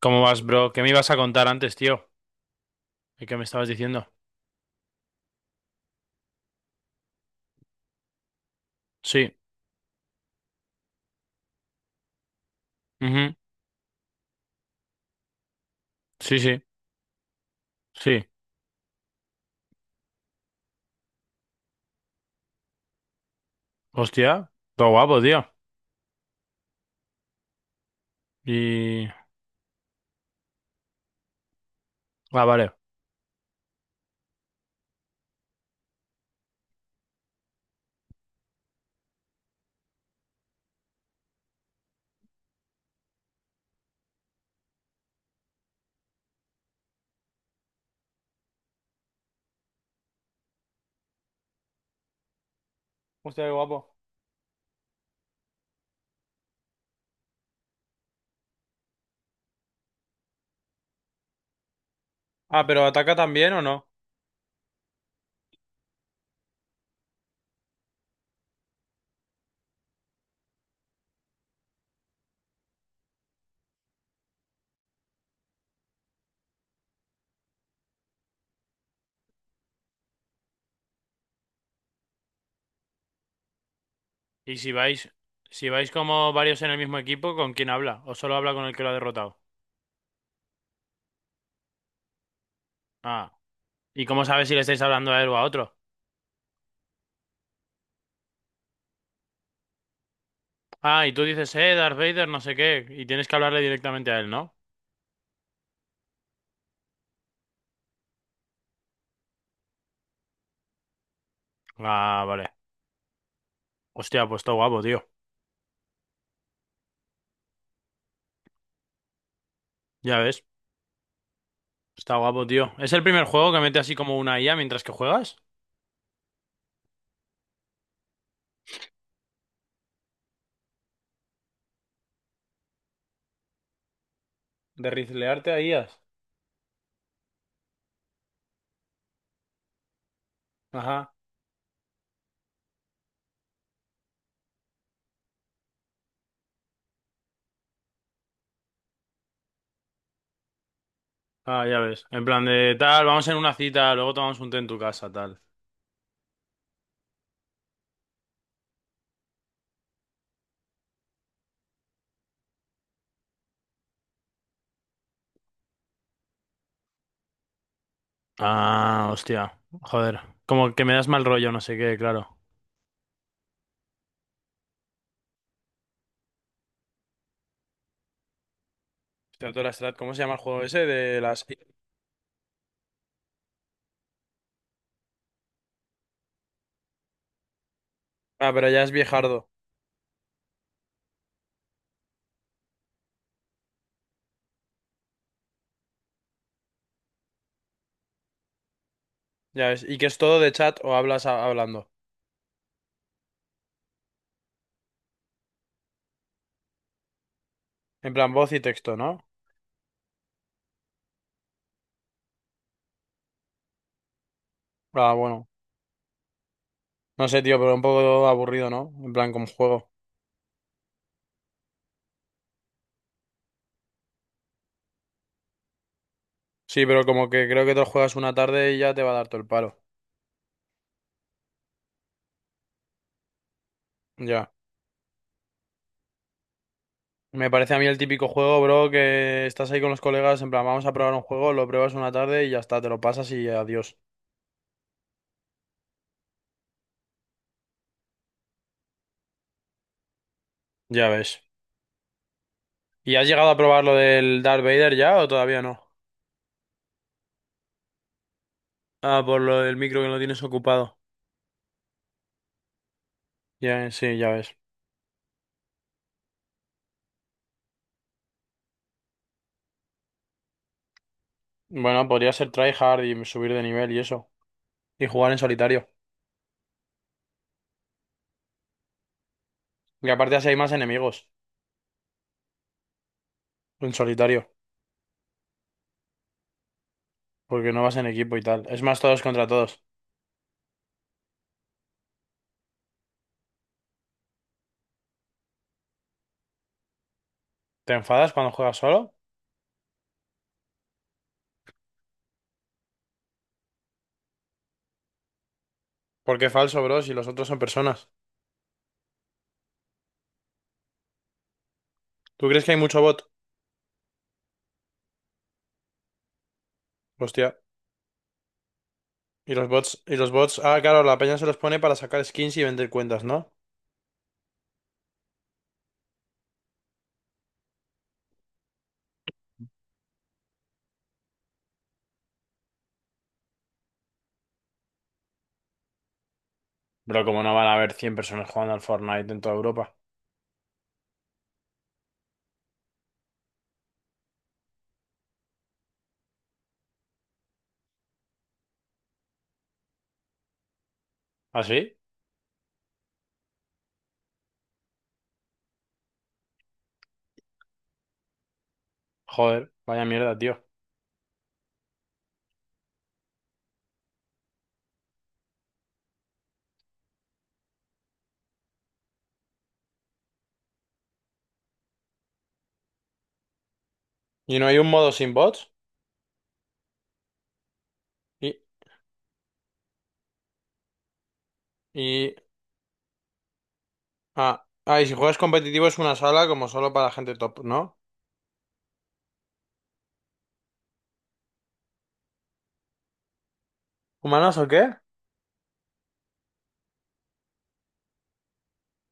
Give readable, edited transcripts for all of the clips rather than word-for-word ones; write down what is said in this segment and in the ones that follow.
¿Cómo vas, bro? ¿Qué me ibas a contar antes, tío? ¿Y qué me estabas diciendo? Sí, ujú. Sí, sí. Sí. Hostia. Todo guapo, tío. Y... ah, vale. Hostia, qué guapo. Ah, ¿pero ataca también o no? ¿Y si vais, si vais como varios en el mismo equipo, con quién habla? ¿O solo habla con el que lo ha derrotado? Ah. ¿Y cómo sabes si le estáis hablando a él o a otro? Ah, y tú dices, Darth Vader, no sé qué, y tienes que hablarle directamente a él, ¿no? Ah, vale. Hostia, pues está guapo, tío. Ya ves, está guapo, tío. ¿Es el primer juego que mete así como una IA mientras que juegas? De rizlearte a IAs. Ajá. Ah, ya ves. En plan de tal, vamos en una cita, luego tomamos un té en tu casa, tal. Ah, hostia. Joder. Como que me das mal rollo, no sé qué, claro. Hostia, tú la Strat, ¿cómo se llama el juego ese? De las... Ah, pero ya es viejardo. Ya ves. ¿Y que es todo de chat o hablas hablando? En plan, voz y texto, ¿no? Ah, bueno. No sé, tío, pero un poco aburrido, ¿no? En plan, como juego. Sí, pero como que creo que te lo juegas una tarde y ya te va a dar todo el palo. Ya. Me parece a mí el típico juego, bro, que estás ahí con los colegas, en plan, vamos a probar un juego, lo pruebas una tarde y ya está, te lo pasas y adiós. Ya ves. ¿Y has llegado a probar lo del Darth Vader ya o todavía no? Ah, por lo del micro que no tienes ocupado. Ya, sí, ya ves. Bueno, podría ser tryhard y subir de nivel y eso. Y jugar en solitario. Y aparte así hay más enemigos en solitario. Porque no vas en equipo y tal. Es más todos contra todos. ¿Te enfadas cuando juegas solo? ¿Por qué falso, bro? Si los otros son personas. ¿Tú crees que hay mucho bot? Hostia. Y los bots, y los bots. Ah, claro, la peña se los pone para sacar skins y vender cuentas, ¿no? Pero como no van a haber 100 personas jugando al Fortnite en toda Europa. ¿Ah, sí? Joder, vaya mierda, tío. ¿Y no hay un modo sin bots? Y, y, ah, ah, ¿y si juegas competitivo es una sala como solo para gente top, ¿no? ¿Humanos o qué?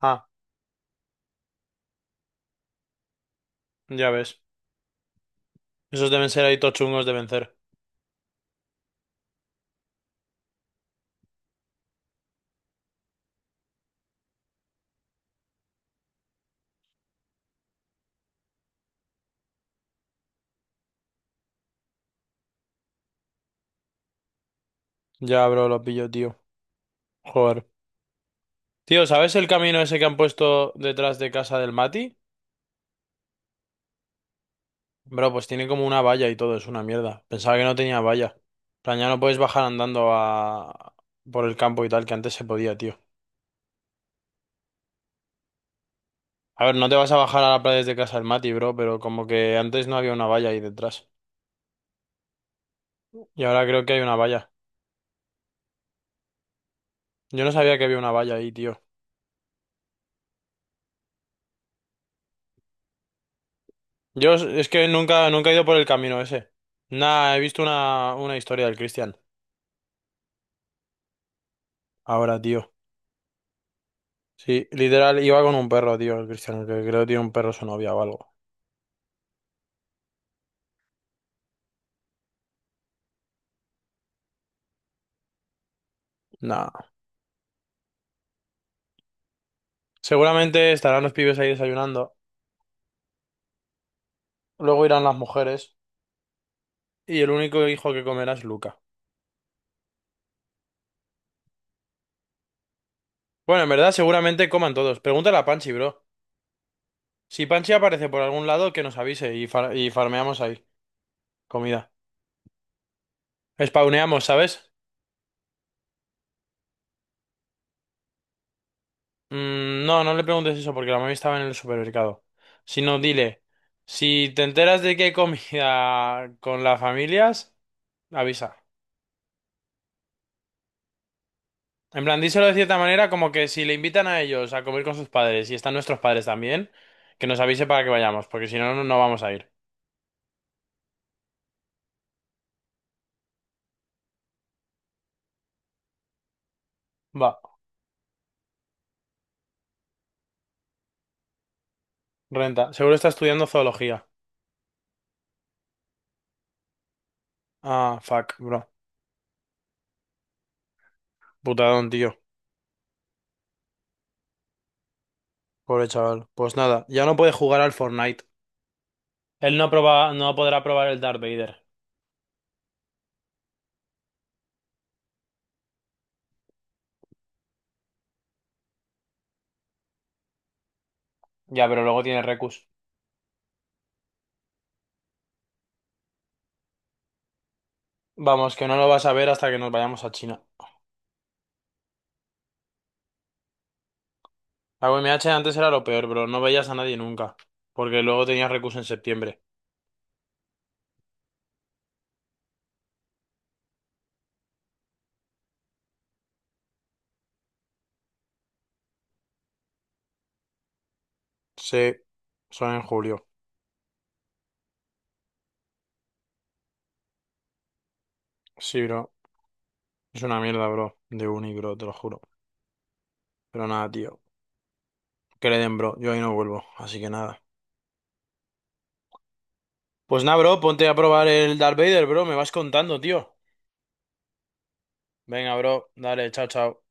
Ah, ya ves. Esos deben ser ahí tochungos de vencer. Ya, bro, lo pillo, tío. Joder. Tío, ¿sabes el camino ese que han puesto detrás de casa del Mati? Bro, pues tiene como una valla y todo, es una mierda. Pensaba que no tenía valla. En plan, ya no puedes bajar andando a... por el campo y tal, que antes se podía, tío. A ver, no te vas a bajar a la playa desde casa del Mati, bro, pero como que antes no había una valla ahí detrás. Y ahora creo que hay una valla. Yo no sabía que había una valla ahí, tío. Yo es que nunca, nunca he ido por el camino ese. Nah, he visto una historia del Cristian. Ahora, tío. Sí, literal, iba con un perro, tío, el Cristiano, que creo que tiene un perro su novia o algo. Nah. Seguramente estarán los pibes ahí desayunando, luego irán las mujeres, y el único hijo que comerá es Luca. Bueno, en verdad, seguramente coman todos. Pregúntale a Panchi, bro. Si Panchi aparece por algún lado, que nos avise y, y farmeamos ahí. Comida. Spawneamos, ¿sabes? Mm, no, no le preguntes eso porque la mami estaba en el supermercado. Sino dile, si te enteras de que hay comida con las familias, avisa. En plan, díselo de cierta manera como que si le invitan a ellos a comer con sus padres y están nuestros padres también, que nos avise para que vayamos, porque si no, no, no vamos a ir. Va, renta. Seguro está estudiando zoología. Ah, fuck, bro. Putadón, tío. Pobre chaval. Pues nada, ya no puede jugar al Fortnite. Él no no podrá probar el Darth Vader. Ya, pero luego tiene Recus. Vamos, que no lo vas a ver hasta que nos vayamos a China. La UMH antes era lo peor, bro. No veías a nadie nunca. Porque luego tenías Recus en septiembre. Sí, son en julio. Sí, bro. Es una mierda, bro, de uni, bro, te lo juro. Pero nada, tío. Que le den, bro. Yo ahí no vuelvo, así que nada. Pues nada, bro, ponte a probar el Darth Vader, bro. Me vas contando, tío. Venga, bro. Dale, chao, chao.